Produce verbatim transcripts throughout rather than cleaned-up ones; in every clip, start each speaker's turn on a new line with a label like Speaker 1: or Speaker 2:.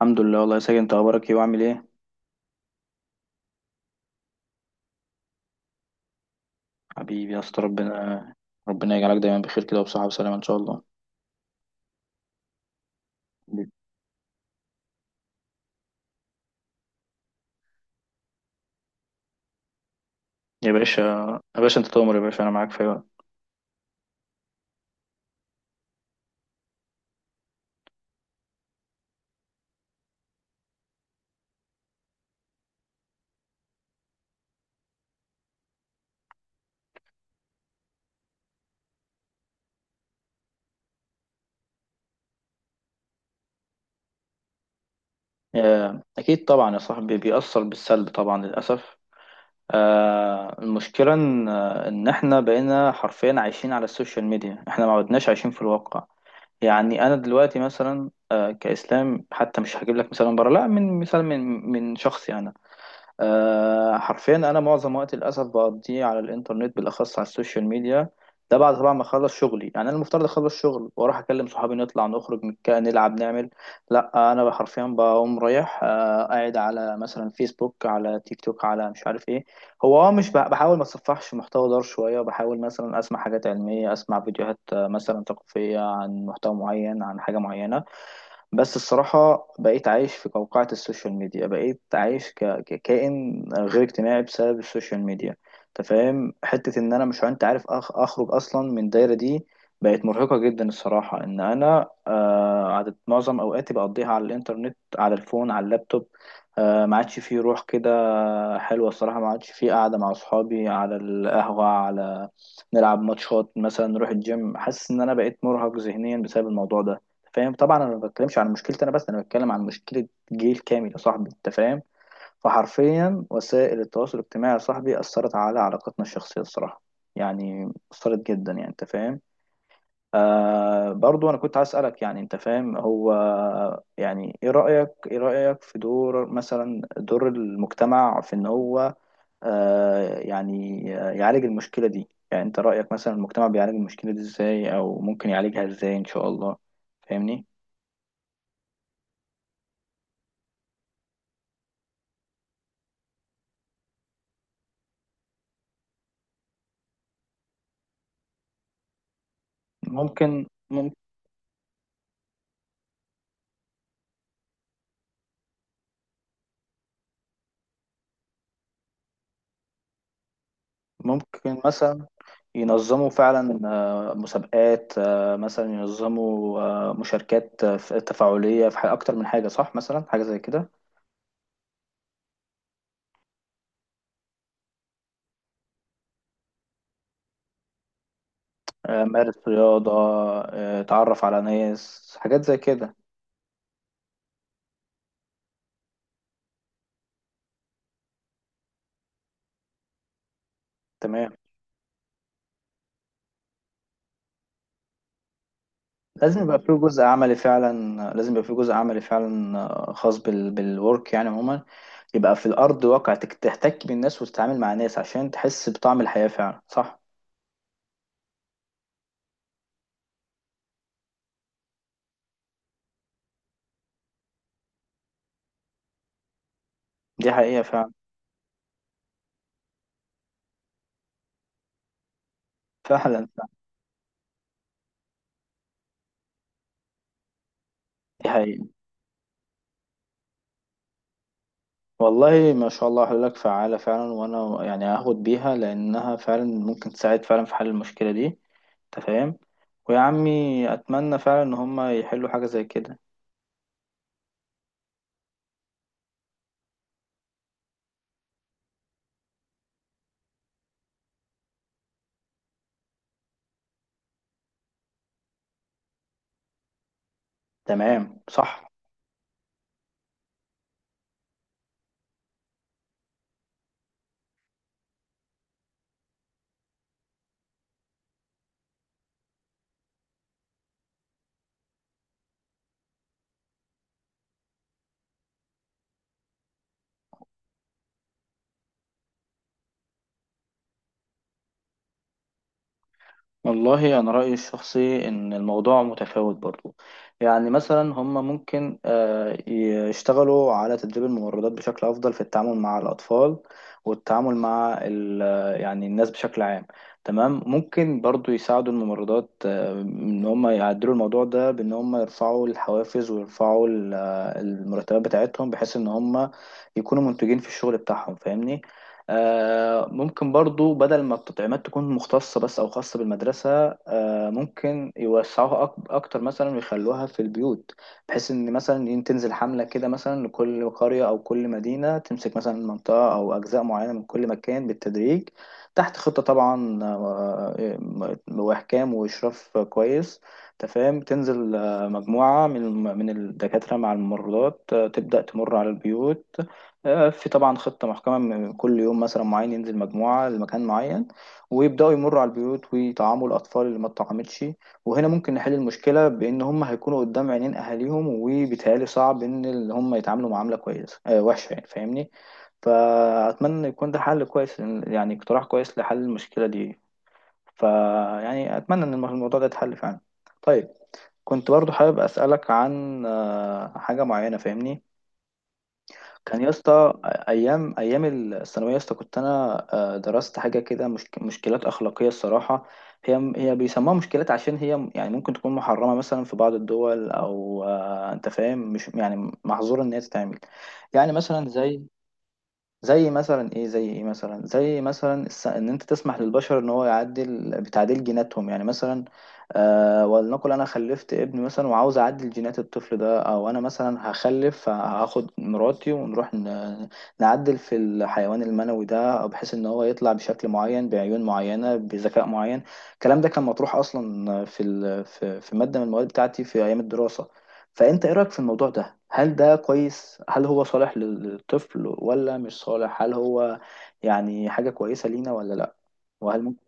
Speaker 1: الحمد لله، والله يا ساجد. انت اخبارك ايه وعامل ايه؟ حبيبي يا اسطى. ربنا، ربنا يجعلك دايما بخير كده، وبصحة وسلامة ان شاء الله. حبيبي. يا باشا، يا باشا، انت تؤمر يا باشا، انا معاك في أي وقت. يا- اكيد طبعا يا صاحبي، بيأثر بالسلب طبعا للاسف. آه المشكلة ان ان احنا بقينا حرفيا عايشين على السوشيال ميديا، احنا ما عدناش عايشين في الواقع. يعني انا دلوقتي مثلا آه كإسلام حتى، مش هجيب لك مثال من بره، لا، من مثال من من شخصي انا. آه، حرفيا انا معظم وقتي للاسف بقضيه على الانترنت، بالاخص على السوشيال ميديا. ده بعد طبعا ما اخلص شغلي. يعني انا المفترض اخلص شغل واروح اكلم صحابي، نطلع نخرج نك- نلعب نعمل. لا، انا حرفيا بقوم رايح آه، قاعد على مثلا فيسبوك، على تيك توك، على مش عارف ايه. هو اه مش بح- بحاول ما اتصفحش محتوى دار شويه، بحاول مثلا اسمع حاجات علميه، اسمع فيديوهات آه، مثلا ثقافيه، عن محتوى معين، عن حاجه معينه. بس الصراحة بقيت عايش في قوقعة السوشيال ميديا، بقيت عايش ك... ككائن غير اجتماعي بسبب السوشيال ميديا. انت فاهم حتة ان انا مش، انت عارف، أخ... اخرج اصلا من الدايرة دي. بقت مرهقة جدا الصراحة، ان انا آه عدد معظم اوقاتي بقضيها على الانترنت، على الفون، على اللابتوب. آه ما عادش فيه روح كده حلوة الصراحة، ما عادش فيه قعدة مع اصحابي على القهوة، على نلعب ماتشات مثلا، نروح الجيم. حاسس ان انا بقيت مرهق ذهنيا بسبب الموضوع ده، فاهم طبعا. انا ما بتكلمش عن مشكلتي انا بس، انا بتكلم عن مشكله جيل كامل يا صاحبي، انت فاهم. فحرفيا وسائل التواصل الاجتماعي يا صاحبي اثرت على علاقتنا الشخصيه الصراحه، يعني اثرت جدا، يعني انت فاهم. آه برضو انا كنت عايز اسالك، يعني انت فاهم هو، يعني ايه رايك، ايه رايك في دور مثلا، دور المجتمع في ان هو آه يعني يعالج المشكله دي. يعني انت رايك مثلا المجتمع بيعالج المشكله دي ازاي، او ممكن يعالجها ازاي ان شاء الله؟ فاهمني؟ ممكن ممكن ممكن مثلا ينظموا فعلا آه، مسابقات، آه، مثلا ينظموا آه، مشاركات، آه، ف- تفاعلية في ح- أكتر من حاجة صح، مثلا حاجة زي كده. آه، مارس رياضة، آه، اتعرف على ناس، حاجات زي كده. تمام. لازم يبقى فيه جزء عملي فعلا، لازم يبقى فيه جزء عملي فعلا، آه، خاص بال... بالورك يعني عموما. يبقى في الأرض واقع، تك- تحتك بالناس وتتعامل مع ناس عشان تحس بطعم الحياة فعلا، صح. دي حقيقة فعلا. فعلا، فعلا. دي حقيقة. والله ما شاء الله حلولك فعالة فعلا، وأنا يعني هاخد بيها لأنها فعلا ممكن تساعد فعلا في حل المشكلة دي، أنت فاهم. ويا عمي أتمنى فعلا إن هما يحلوا حاجة زي كده. تمام، صح. والله أنا رأيي الشخصي إن الموضوع متفاوت برضو. يعني مثلا هم ممكن آه، يشتغلوا على تدريب الممرضات بشكل أفضل في التعامل مع الأطفال، والتعامل مع ال- آه، يعني الناس بشكل عام. تمام، ممكن برضو يساعدوا الممرضات آه، إن هم يعدلوا الموضوع ده بإن هم يرفعوا الحوافز، ويرفعوا ال- آه، المرتبات بتاعتهم، بحيث إن هم يكونوا منتجين في الشغل بتاعهم، فاهمني. آه، ممكن برضو بدل ما التطعيمات تكون مختصة بس أو خاصة بالمدرسة، آه، ممكن يوسعوها أك- أكتر مثلا، ويخلوها في البيوت، بحيث إن مثلا ين- تنزل حملة كده مثلا لكل قرية أو كل مدينة، تمسك مثلا منطقة أو أجزاء معينة من كل مكان بالتدريج، تحت خطة طبعا، آه، م- وإحكام وإشراف كويس، تفهم. تنزل آه، مجموعة من الم- من الدكاترة مع الممرضات، آه، تبدأ تمر على البيوت، آه، في طبعا خطة محكمة، من كل يوم مثلا معين ينزل مجموعة لمكان معين، ويبدأوا يمروا على البيوت ويطعموا الأطفال اللي ما اتطعمتش. وهنا ممكن نحل المشكلة بإن هم هيكونوا قدام عينين أهاليهم، وبيتهيألي صعب إن اللي هم يتعاملوا معاملة كويسة آه، وحشة، يعني فاهمني. فأتمنى يكون ده حل كويس، يعني اقتراح كويس لحل المشكلة دي. فيعني أتمنى إن الموضوع ده يتحل فعلا. طيب، كنت برضو حابب أسألك عن آه، حاجة معينة، فاهمني. كان يا اسطى ايام، ايام الثانويه يا اسطى، كنت انا آه، درست حاجه كده، مشك... مشكلات اخلاقيه الصراحه. هي هي بيسموها مشكلات عشان هي، يعني ممكن تكون محرمه مثلا في بعض الدول، او آه، انت فاهم، مش يعني محظور ان هي تتعمل. يعني مثلا زي، زي مثلا ايه، زي ايه مثلا، زي مثلا الس- ان انت تسمح للبشر ان هو يعدل بتعديل جيناتهم، يعني مثلا آه ولنقل انا خلفت ابن مثلا وعاوز اعدل جينات الطفل ده، او انا مثلا هخلف، هاخد مراتي ونروح ن- نعدل في الحيوان المنوي ده، أو بحيث ان هو يطلع بشكل معين، بعيون معينة، بذكاء معين. الكلام ده كان مطروح اصلا في ال- في في مادة من المواد بتاعتي في ايام الدراسة. فأنت إيه رأيك في الموضوع ده؟ هل ده كويس؟ هل هو صالح لل- للطفل ولا مش صالح؟ هل هو يعني حاجة كويسة لينا ولا لأ؟ وهل ممكن؟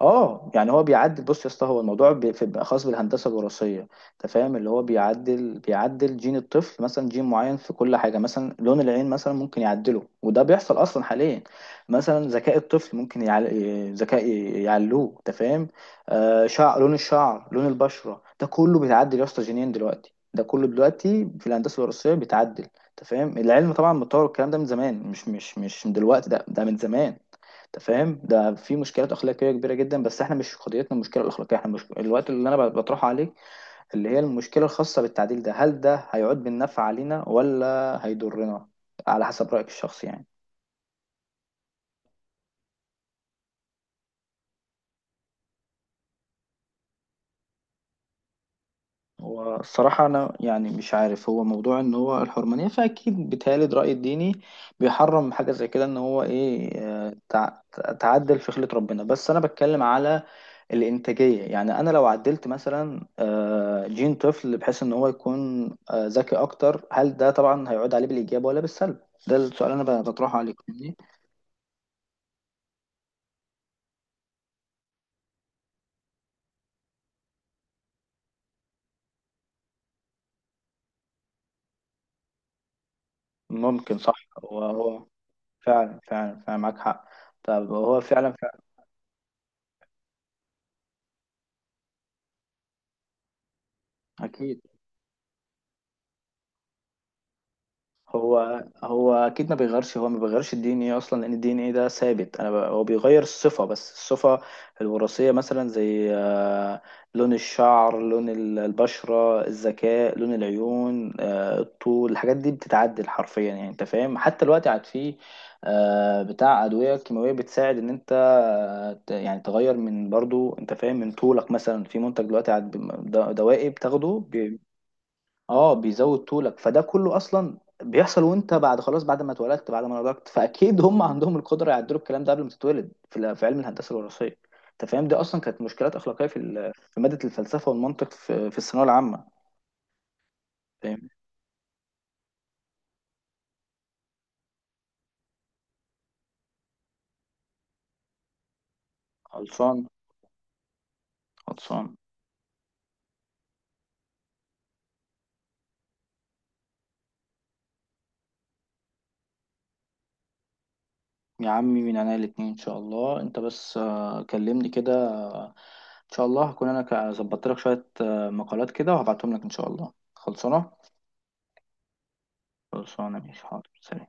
Speaker 1: اه، يعني هو بيعدل. بص يا اسطى، هو الموضوع بي- في- بيبقى خاص بالهندسه الوراثيه. انت فاهم، اللي هو بيعدل، بيعدل جين الطفل مثلا، جين معين في كل حاجه، مثلا لون العين مثلا ممكن يعدله، وده بيحصل اصلا حاليا. مثلا ذكاء الطفل ممكن يعل... ي- ذكاء ي- يعلوه، انت فاهم. آه، شعر، لون الشعر، لون البشره، ده كله بيتعدل يا اسطى جينيا دلوقتي، ده كله دلوقتي في الهندسه الوراثيه بيتعدل. انت فاهم، العلم طبعا متطور، الكلام ده من زمان، مش مش مش من دلوقتي ده، ده من زمان. انت فاهم، ده في مشكلات اخلاقيه كبيره جدا، بس احنا مش قضيتنا المشكله الاخلاقيه، احنا مش الوقت اللي انا بطرحه عليك، اللي هي المشكله الخاصه بالتعديل ده. هل ده هيعود بالنفع علينا ولا هيضرنا؟ على حسب رايك الشخصي يعني. هو الصراحة أنا يعني مش عارف، هو موضوع إن هو الحرمانية، فأكيد بيتهيألي الرأي الديني بيحرم حاجة زي كده، إن هو إيه، آه، تع- تعدل في خلقة ربنا. بس أنا بتكلم على الإنتاجية. يعني أنا لو عدلت مثلا آه، جين طفل بحيث إن هو يكون آه، ذكي أكتر، هل ده طبعا هيعود عليه بالإيجاب ولا بالسلب؟ ده السؤال أنا ب- بطرحه عليك، فاهمني؟ ممكن، صح. هو هو فعلا، فعلا، فعلا معاك حق. طب هو فعلا، فعلا. أكيد. هو هو اكيد ما بيغيرش، هو ما بيغيرش الدي ان ايه اصلا، لان الدي ان ايه ده ثابت. انا ب... هو بيغير الصفه، بس الصفه الوراثيه، مثلا زي آه، لون الشعر، لون ال- البشره، الذكاء، لون العيون، آه، الطول، الحاجات دي بتتعدل حرفيا، يعني انت فاهم. حتى الوقت عاد فيه آه، بتاع ادويه كيماويه بتساعد ان انت آه، ت- يعني تغير من برضو، انت فاهم، من طولك. مثلا في منتج دلوقتي عاد بم- د- دوائي بتاخده، اه بيزود طولك. فده كله اصلا بيحصل وانت بعد خلاص، بعد ما اتولدت، بعد ما نضجت، فاكيد هم عندهم القدره يعدلوا الكلام ده قبل ما تتولد، في ال- في علم الهندسه الوراثيه. انت فاهم، دي اصلا كانت مشكلات اخلاقيه في ال- في ماده الفلسفه والمنطق، في في الثانويه العامه. فاهم. خلصان، خلصان. يا عمي، من عينيا الاتنين ان شاء الله. انت بس آه، كلمني كده، آه، ان شاء الله هكون انا ك- ظبطت لك شويه آه، مقالات كده وهبعتهم لك ان شاء الله. خلصانه، خلصانه، ماشي، حاضر، سلام.